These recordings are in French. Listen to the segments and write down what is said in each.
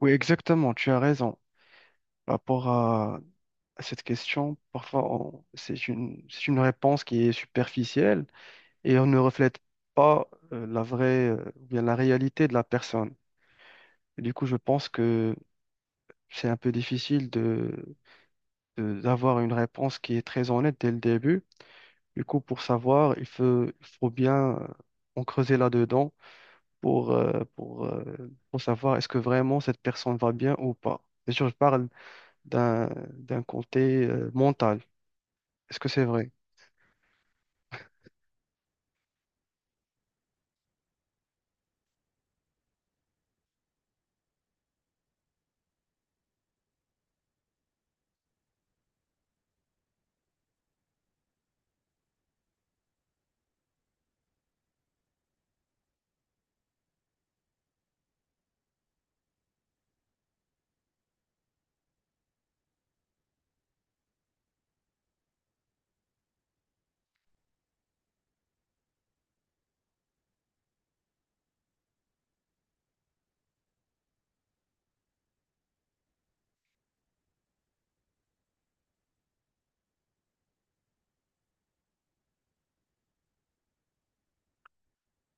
Oui, exactement, tu as raison. Par rapport à cette question, c'est c'est une réponse qui est superficielle et on ne reflète pas la ou bien la réalité de la personne. Et du coup, je pense que c'est un peu difficile d'avoir une réponse qui est très honnête dès le début. Du coup, pour savoir, il faut bien en creuser là-dedans pour, euh, pour, euh, pour savoir est-ce que vraiment cette personne va bien ou pas. Bien sûr, je parle d'un côté mental. Est-ce que c'est vrai?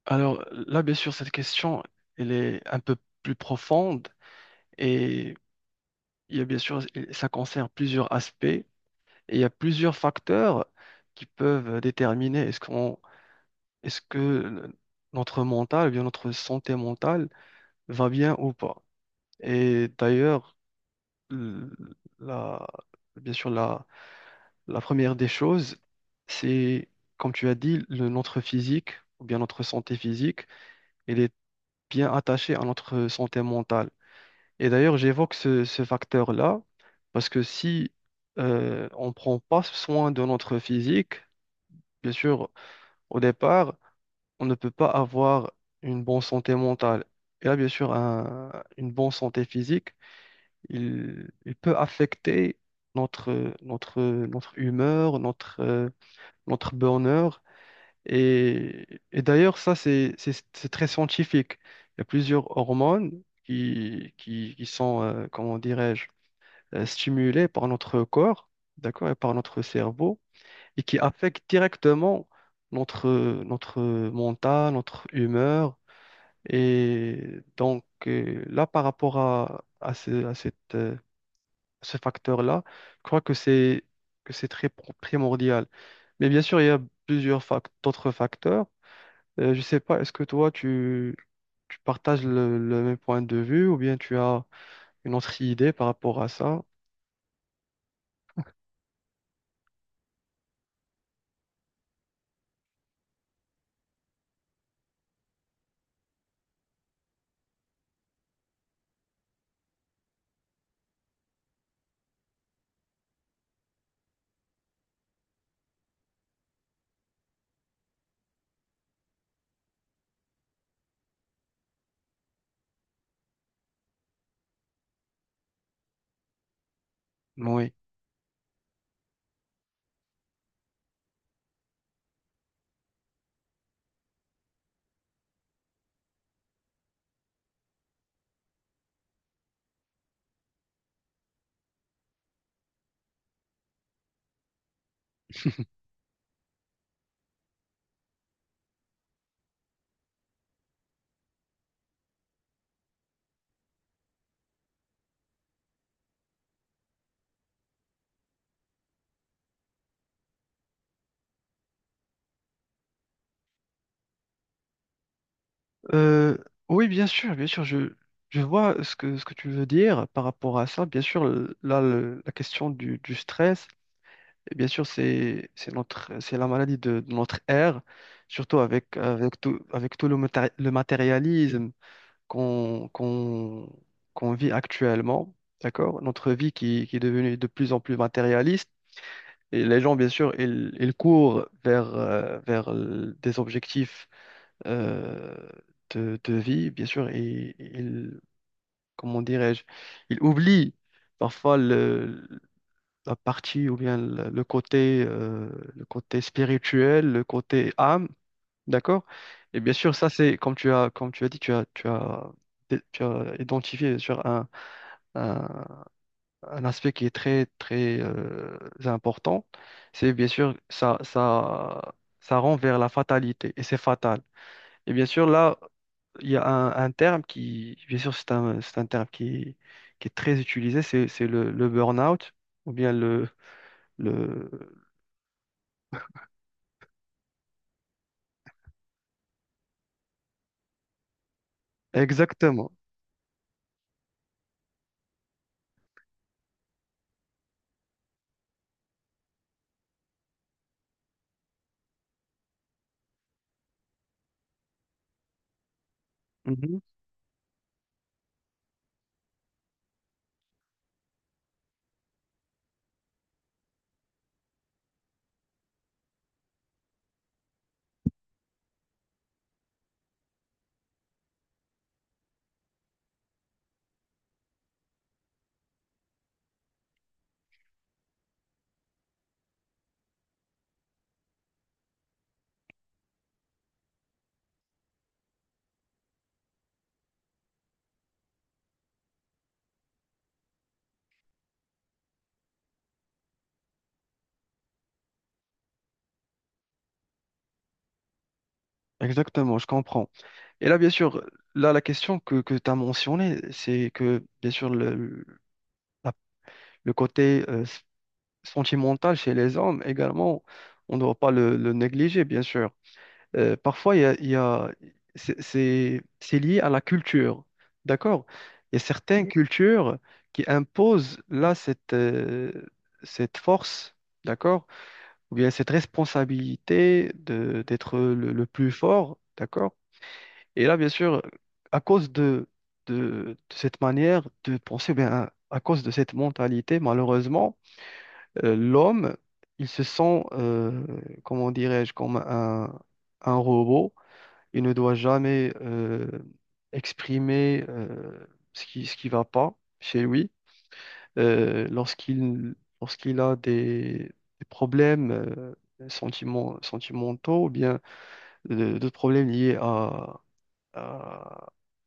Alors là, bien sûr, cette question, elle est un peu plus profonde et il y a bien sûr, ça concerne plusieurs aspects et il y a plusieurs facteurs qui peuvent déterminer est-ce que notre mental, ou bien notre santé mentale va bien ou pas. Et d'ailleurs, l- la, bien sûr, La première des choses, c'est, comme tu as dit, notre physique, ou bien notre santé physique, elle est bien attachée à notre santé mentale. Et d'ailleurs, j'évoque ce facteur-là, parce que si on ne prend pas soin de notre physique, bien sûr, au départ, on ne peut pas avoir une bonne santé mentale. Et là, bien sûr, une bonne santé physique, il peut affecter notre humeur, notre bonheur. Et, et d'ailleurs, ça, c'est très scientifique. Il y a plusieurs hormones qui sont, comment dirais-je, stimulées par notre corps, d'accord, et par notre cerveau, et qui affectent directement notre, notre mental, notre humeur. Et donc, là, par rapport à à cette, ce facteur-là, je crois que c'est très primordial. Mais bien sûr, il y a plusieurs d'autres facteurs. Je sais pas, est-ce que tu partages le même point de vue ou bien tu as une autre idée par rapport à ça? Oui. Euh, oui, bien sûr, je vois ce que tu veux dire par rapport à ça. Bien sûr, la question du stress, et bien sûr, c'est c'est la maladie de notre ère, surtout avec tout le, le matérialisme. qu'on qu'on qu'on vit actuellement, d'accord? Notre vie qui est devenue de plus en plus matérialiste. Et les gens, bien sûr, ils courent vers, vers des objectifs euh, de vie, bien sûr, comment dirais-je, ils oublient parfois la partie ou bien le côté spirituel, le côté âme. D'accord? Et bien sûr, ça, c'est comme tu as dit, tu as identifié sur un, un aspect qui est très, très important. C'est bien sûr, ça rend vers la fatalité et c'est fatal. Et bien sûr, là, il y a un terme qui, bien sûr, c'est un terme qui est très utilisé, c'est le burn-out ou bien le. Exactement. Mhm. Exactement, je comprends. Et là, bien sûr, là, la question que tu as mentionnée, c'est que, bien sûr, la- le côté sentimental chez les hommes également, on ne doit pas le négliger, bien sûr. Parfois, c'est c'est lié à la culture, d'accord? Il y a certaines Mhm. cultures qui imposent là cette force, d'accord? Ou bien cette responsabilité d'être le plus fort, d'accord? Et là, bien sûr, à cause de, de cette manière de penser, ou bien, à cause de cette mentalité, malheureusement, l'homme, il se sent, euh, comment dirais-je, comme un robot. Il ne doit jamais exprimer ce qui va pas chez lui. Euh, lorsqu'il, lorsqu'il a des problèmes sentimentaux, ou bien d'autres problèmes liés à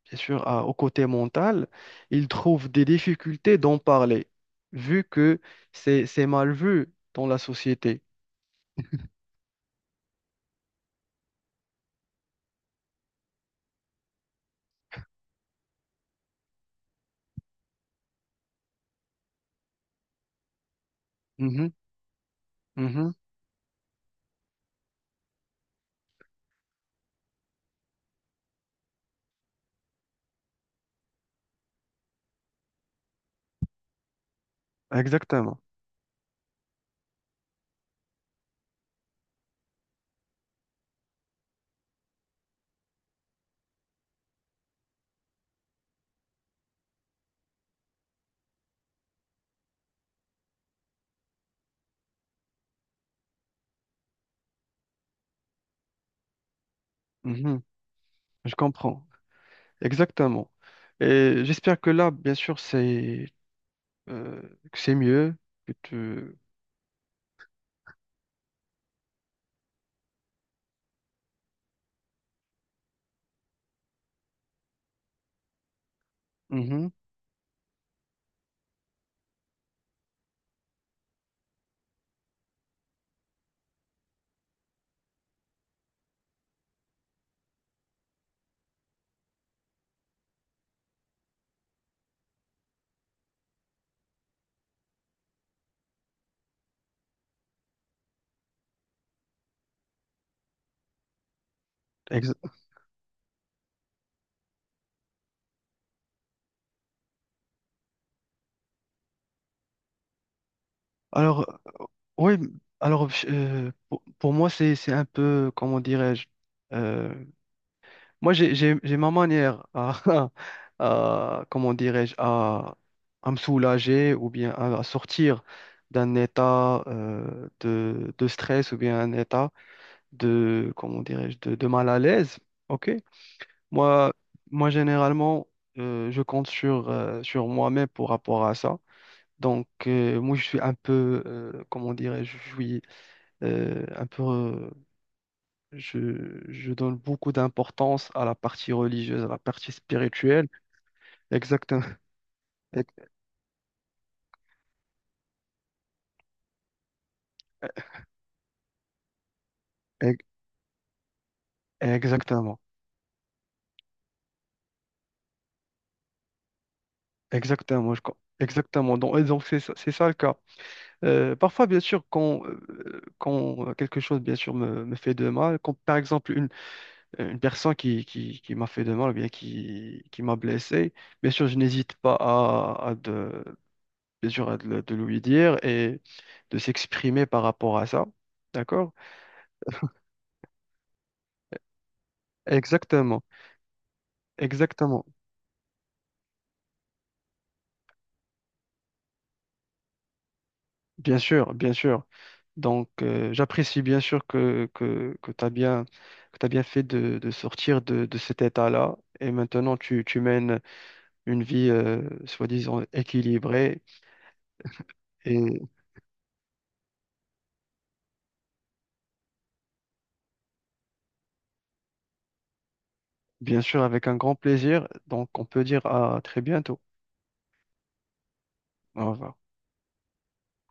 bien sûr, au côté mental, ils trouvent des difficultés d'en parler, vu que c'est mal vu dans la société. Mhm, mhm, exactement. Mhm, je comprends. Exactement. Et j'espère que là, bien sûr, euh, c'est mieux que tu. Mhm, exa- Alors, oui, alors pour moi, c'est un peu, comment dirais-je, euh, Moi, j'ai ma manière à, comment dirais-je, à me soulager ou bien à sortir d'un état de stress ou bien un état de, comment dirais-je, de mal à l'aise. OK? Moi, moi généralement, je compte sur, sur moi-même pour rapport à ça. Donc, moi, je suis un peu, comment dirais-je, je suis un peu je donne beaucoup d'importance à la partie religieuse, à la partie spirituelle. Exactement. Ex- ex- Exactement. Exactement. je com- Exactement. Donc, et donc c'est ça le cas. Parfois, bien sûr, quand quelque chose, bien sûr, me fait de mal, quand, par exemple, une personne qui m'a fait de mal ou bien qui m'a blessé, bien sûr, je n'hésite pas bien sûr, de lui dire et de s'exprimer par rapport à ça. D'accord? Exactement. Exactement. Bien sûr, bien sûr. Donc, j'apprécie bien sûr que tu as bien, que t'as bien fait de sortir de cet état-là. Et maintenant, tu mènes une vie, soi-disant, équilibrée. Et bien sûr, avec un grand plaisir. Donc, on peut dire à très bientôt. Au revoir.